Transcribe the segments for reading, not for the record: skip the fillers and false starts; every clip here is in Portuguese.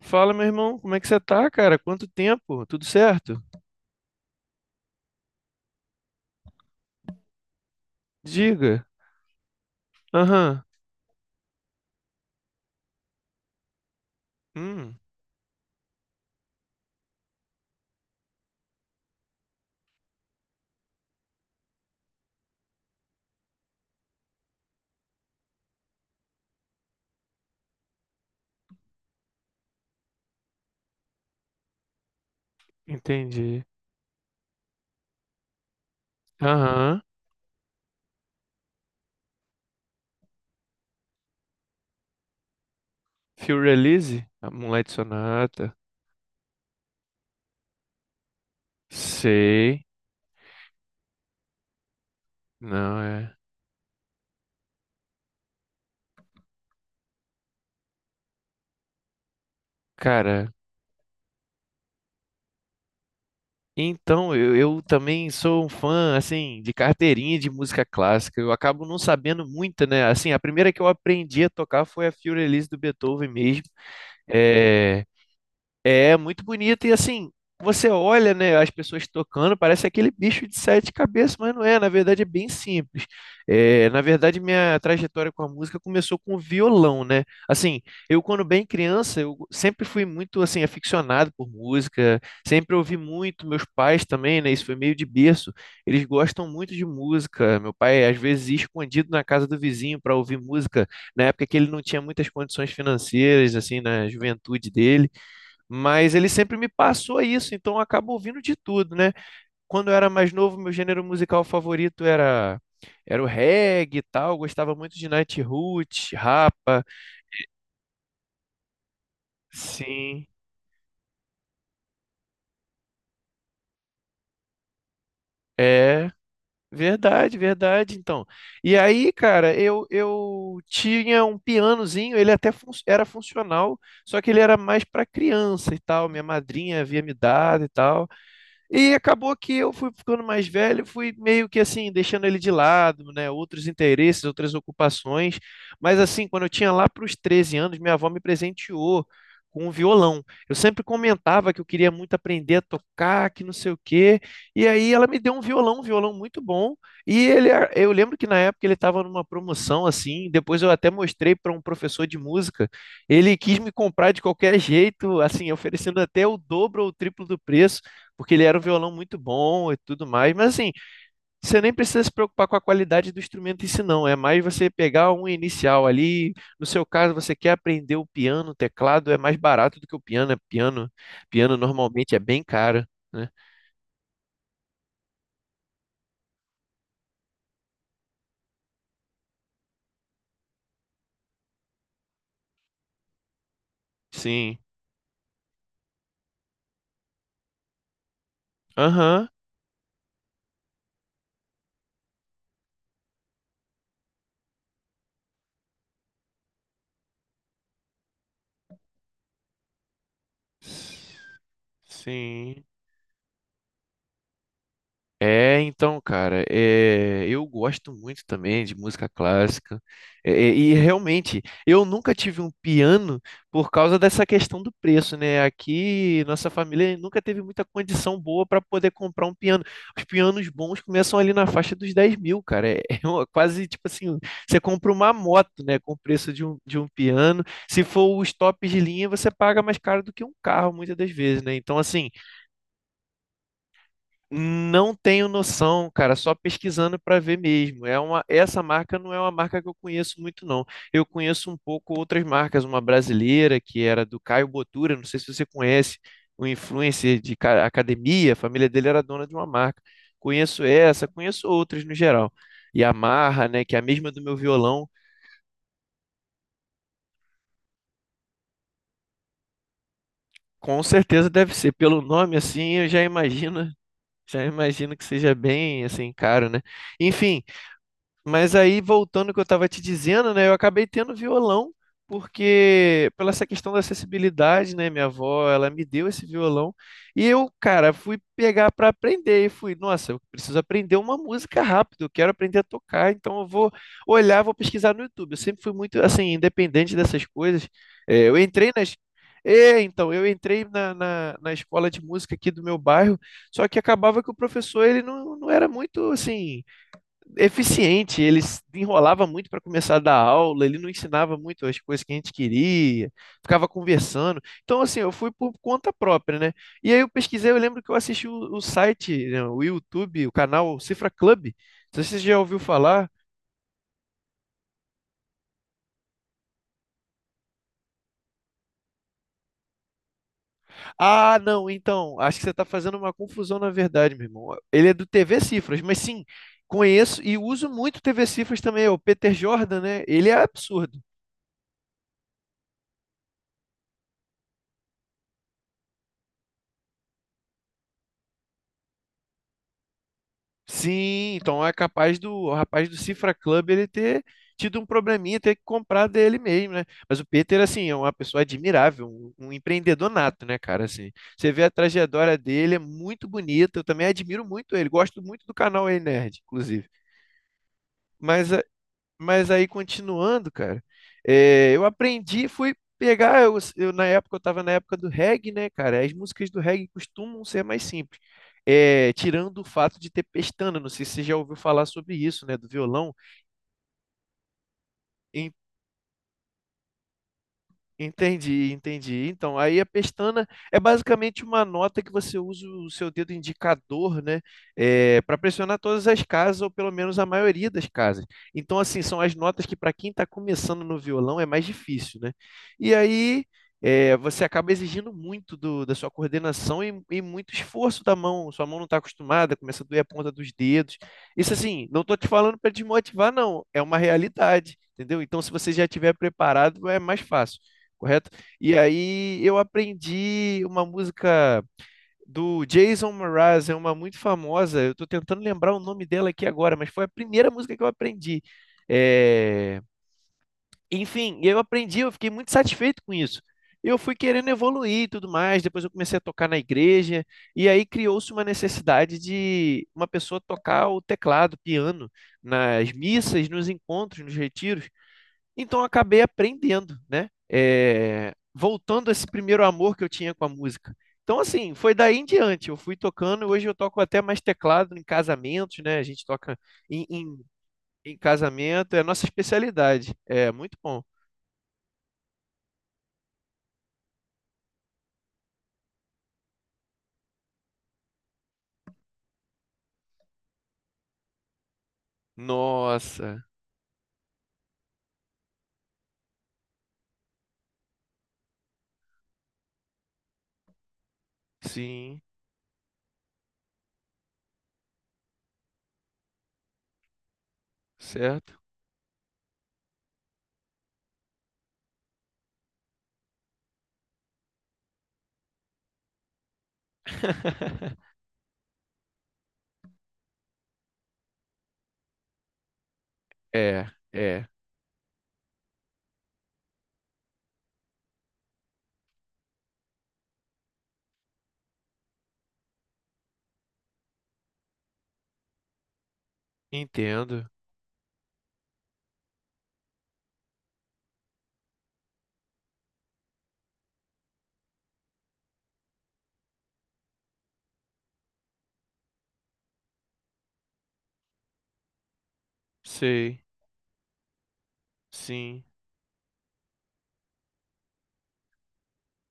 Fala, meu irmão, como é que você tá, cara? Quanto tempo? Tudo certo? Diga. Aham. Hum, entendi. Aham. Feel Release? A Moonlight Sonata. Sei. Não, é. Cara, então, eu também sou um fã, assim, de carteirinha de música clássica. Eu acabo não sabendo muita, né? Assim, a primeira que eu aprendi a tocar foi a Feel Release do Beethoven mesmo. É. É muito bonito e assim, você olha, né, as pessoas tocando, parece aquele bicho de sete cabeças, mas não é, na verdade é bem simples. É, na verdade, minha trajetória com a música começou com o violão, né? Assim, eu quando bem criança, eu sempre fui muito assim aficionado por música, sempre ouvi muito, meus pais também, né, isso foi meio de berço. Eles gostam muito de música. Meu pai às vezes ia escondido na casa do vizinho para ouvir música, na época que ele não tinha muitas condições financeiras assim na juventude dele, mas ele sempre me passou isso, então eu acabo ouvindo de tudo, né? Quando eu era mais novo, meu gênero musical favorito era o reggae e tal, eu gostava muito de Nightroot, Rapa. Sim, é verdade, verdade, então. E aí, cara, eu tinha um pianozinho, ele até era funcional, só que ele era mais para criança e tal, minha madrinha havia me dado e tal. E acabou que eu fui ficando mais velho, fui meio que assim, deixando ele de lado, né? Outros interesses, outras ocupações. Mas assim, quando eu tinha lá para os 13 anos, minha avó me presenteou com um violão. Eu sempre comentava que eu queria muito aprender a tocar, que não sei o quê. E aí ela me deu um violão muito bom. E ele, eu lembro que na época ele estava numa promoção assim. Depois eu até mostrei para um professor de música. Ele quis me comprar de qualquer jeito, assim, oferecendo até o dobro ou o triplo do preço, porque ele era um violão muito bom e tudo mais. Mas assim, você nem precisa se preocupar com a qualidade do instrumento em si, não. É mais você pegar um inicial ali. No seu caso, você quer aprender o piano, o teclado é mais barato do que o piano. É piano, piano normalmente é bem caro, né? Sim. Aham. Sim. É, então, cara, é, eu gosto muito também de música clássica. E realmente, eu nunca tive um piano por causa dessa questão do preço, né? Aqui, nossa família nunca teve muita condição boa para poder comprar um piano. Os pianos bons começam ali na faixa dos 10.000, cara. É, quase tipo assim: você compra uma moto, né, com o preço de um piano. Se for os tops de linha, você paga mais caro do que um carro, muitas das vezes, né? Então, assim. Não tenho noção, cara, só pesquisando para ver mesmo. É uma, essa marca não é uma marca que eu conheço muito, não. Eu conheço um pouco outras marcas, uma brasileira que era do Caio Botura, não sei se você conhece, um influencer de academia, a família dele era dona de uma marca. Conheço essa, conheço outras no geral. E a Marra, né, que é a mesma do meu violão, com certeza deve ser. Pelo nome assim, eu já imagino que seja bem assim caro, né? Enfim. Mas aí, voltando ao que eu estava te dizendo, né, eu acabei tendo violão, porque pela essa questão da acessibilidade, né, minha avó, ela me deu esse violão, e eu, cara, fui pegar para aprender, e fui, nossa, eu preciso aprender uma música rápido, eu quero aprender a tocar, então eu vou olhar, vou pesquisar no YouTube. Eu sempre fui muito, assim, independente dessas coisas. É, eu entrei nas... É, então, eu entrei na escola de música aqui do meu bairro, só que acabava que o professor, ele não era muito, assim, eficiente, ele enrolava muito para começar a dar aula, ele não ensinava muito as coisas que a gente queria, ficava conversando. Então, assim, eu fui por conta própria, né? E aí eu pesquisei, eu lembro que eu assisti o site, né, o YouTube, o canal Cifra Club. Não sei se você já ouviu falar. Ah, não, então, acho que você está fazendo uma confusão na verdade, meu irmão. Ele é do TV Cifras, mas sim, conheço e uso muito TV Cifras também, o Peter Jordan, né? Ele é absurdo. Sim, então é capaz do o rapaz do Cifra Club ele ter tido um probleminha, ter que comprar dele mesmo, né? Mas o Peter, assim, é uma pessoa admirável, um empreendedor nato, né, cara? Assim, você vê a trajetória dele, é muito bonita. Eu também admiro muito ele, gosto muito do canal Ei Nerd, inclusive. Mas mas aí, continuando, cara, é, eu aprendi, fui pegar, eu na época, eu tava na época do reggae, né, cara? As músicas do reggae costumam ser mais simples. É, tirando o fato de ter pestana, não sei se você já ouviu falar sobre isso, né, do violão. Entendi, entendi. Então, aí a pestana é basicamente uma nota que você usa o seu dedo indicador, né, para pressionar todas as casas, ou pelo menos a maioria das casas. Então, assim, são as notas que para quem está começando no violão é mais difícil, né? E aí é, você acaba exigindo muito da sua coordenação e muito esforço da mão. Sua mão não está acostumada, começa a doer a ponta dos dedos. Isso, assim, não estou te falando para desmotivar, não. É uma realidade, entendeu? Então, se você já estiver preparado, é mais fácil, correto? E aí eu aprendi uma música do Jason Mraz, é uma muito famosa. Eu estou tentando lembrar o nome dela aqui agora, mas foi a primeira música que eu aprendi. É. Enfim, eu aprendi, eu fiquei muito satisfeito com isso. Eu fui querendo evoluir e tudo mais, depois eu comecei a tocar na igreja, e aí criou-se uma necessidade de uma pessoa tocar o teclado, piano, nas missas, nos encontros, nos retiros. Então acabei aprendendo, né? É, voltando a esse primeiro amor que eu tinha com a música. Então, assim, foi daí em diante. Eu fui tocando, hoje eu toco até mais teclado em casamentos, né? A gente toca em, em, em casamento, é a nossa especialidade. É muito bom. Nossa, sim, certo? É, é, entendo, sei, sim.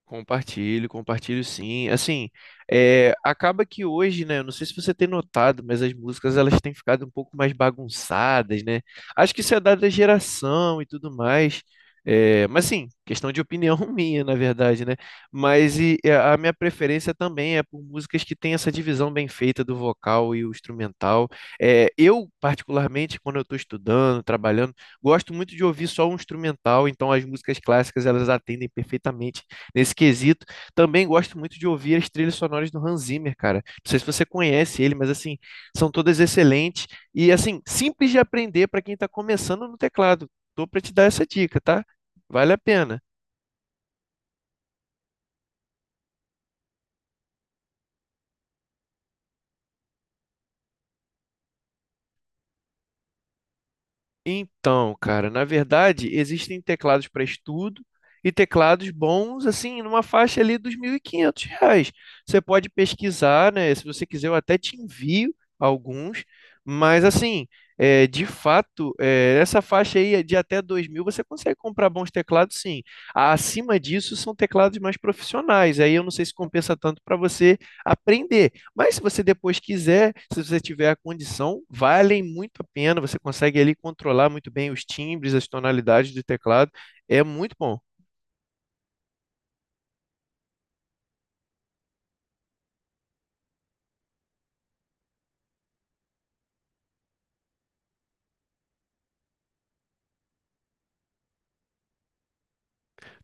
Compartilho, compartilho sim. Assim, é, acaba que hoje, né, eu não sei se você tem notado, mas as músicas elas têm ficado um pouco mais bagunçadas, né? Acho que isso é dado da geração e tudo mais. É, mas sim, questão de opinião minha, na verdade, né? Mas e a minha preferência também é por músicas que têm essa divisão bem feita do vocal e o instrumental. É, eu, particularmente, quando eu estou estudando, trabalhando, gosto muito de ouvir só o instrumental, então as músicas clássicas elas atendem perfeitamente nesse quesito. Também gosto muito de ouvir as trilhas sonoras do Hans Zimmer, cara. Não sei se você conhece ele, mas assim, são todas excelentes e assim, simples de aprender para quem está começando no teclado. Tô para te dar essa dica, tá? Vale a pena. Então, cara, na verdade, existem teclados para estudo e teclados bons, assim, numa faixa ali dos R$ 1.500. Você pode pesquisar, né? Se você quiser, eu até te envio alguns, mas assim, é, de fato, é, essa faixa aí de até 2.000 você consegue comprar bons teclados, sim. Acima disso são teclados mais profissionais. Aí eu não sei se compensa tanto para você aprender. Mas se você depois quiser, se você tiver a condição, valem muito a pena. Você consegue ali controlar muito bem os timbres, as tonalidades do teclado. É muito bom.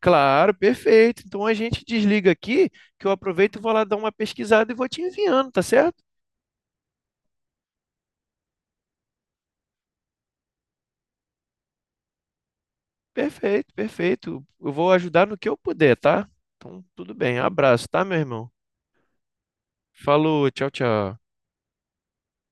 Claro, perfeito. Então a gente desliga aqui, que eu aproveito e vou lá dar uma pesquisada e vou te enviando, tá certo? Perfeito, perfeito. Eu vou ajudar no que eu puder, tá? Então, tudo bem. Abraço, tá, meu irmão? Falou, tchau, tchau.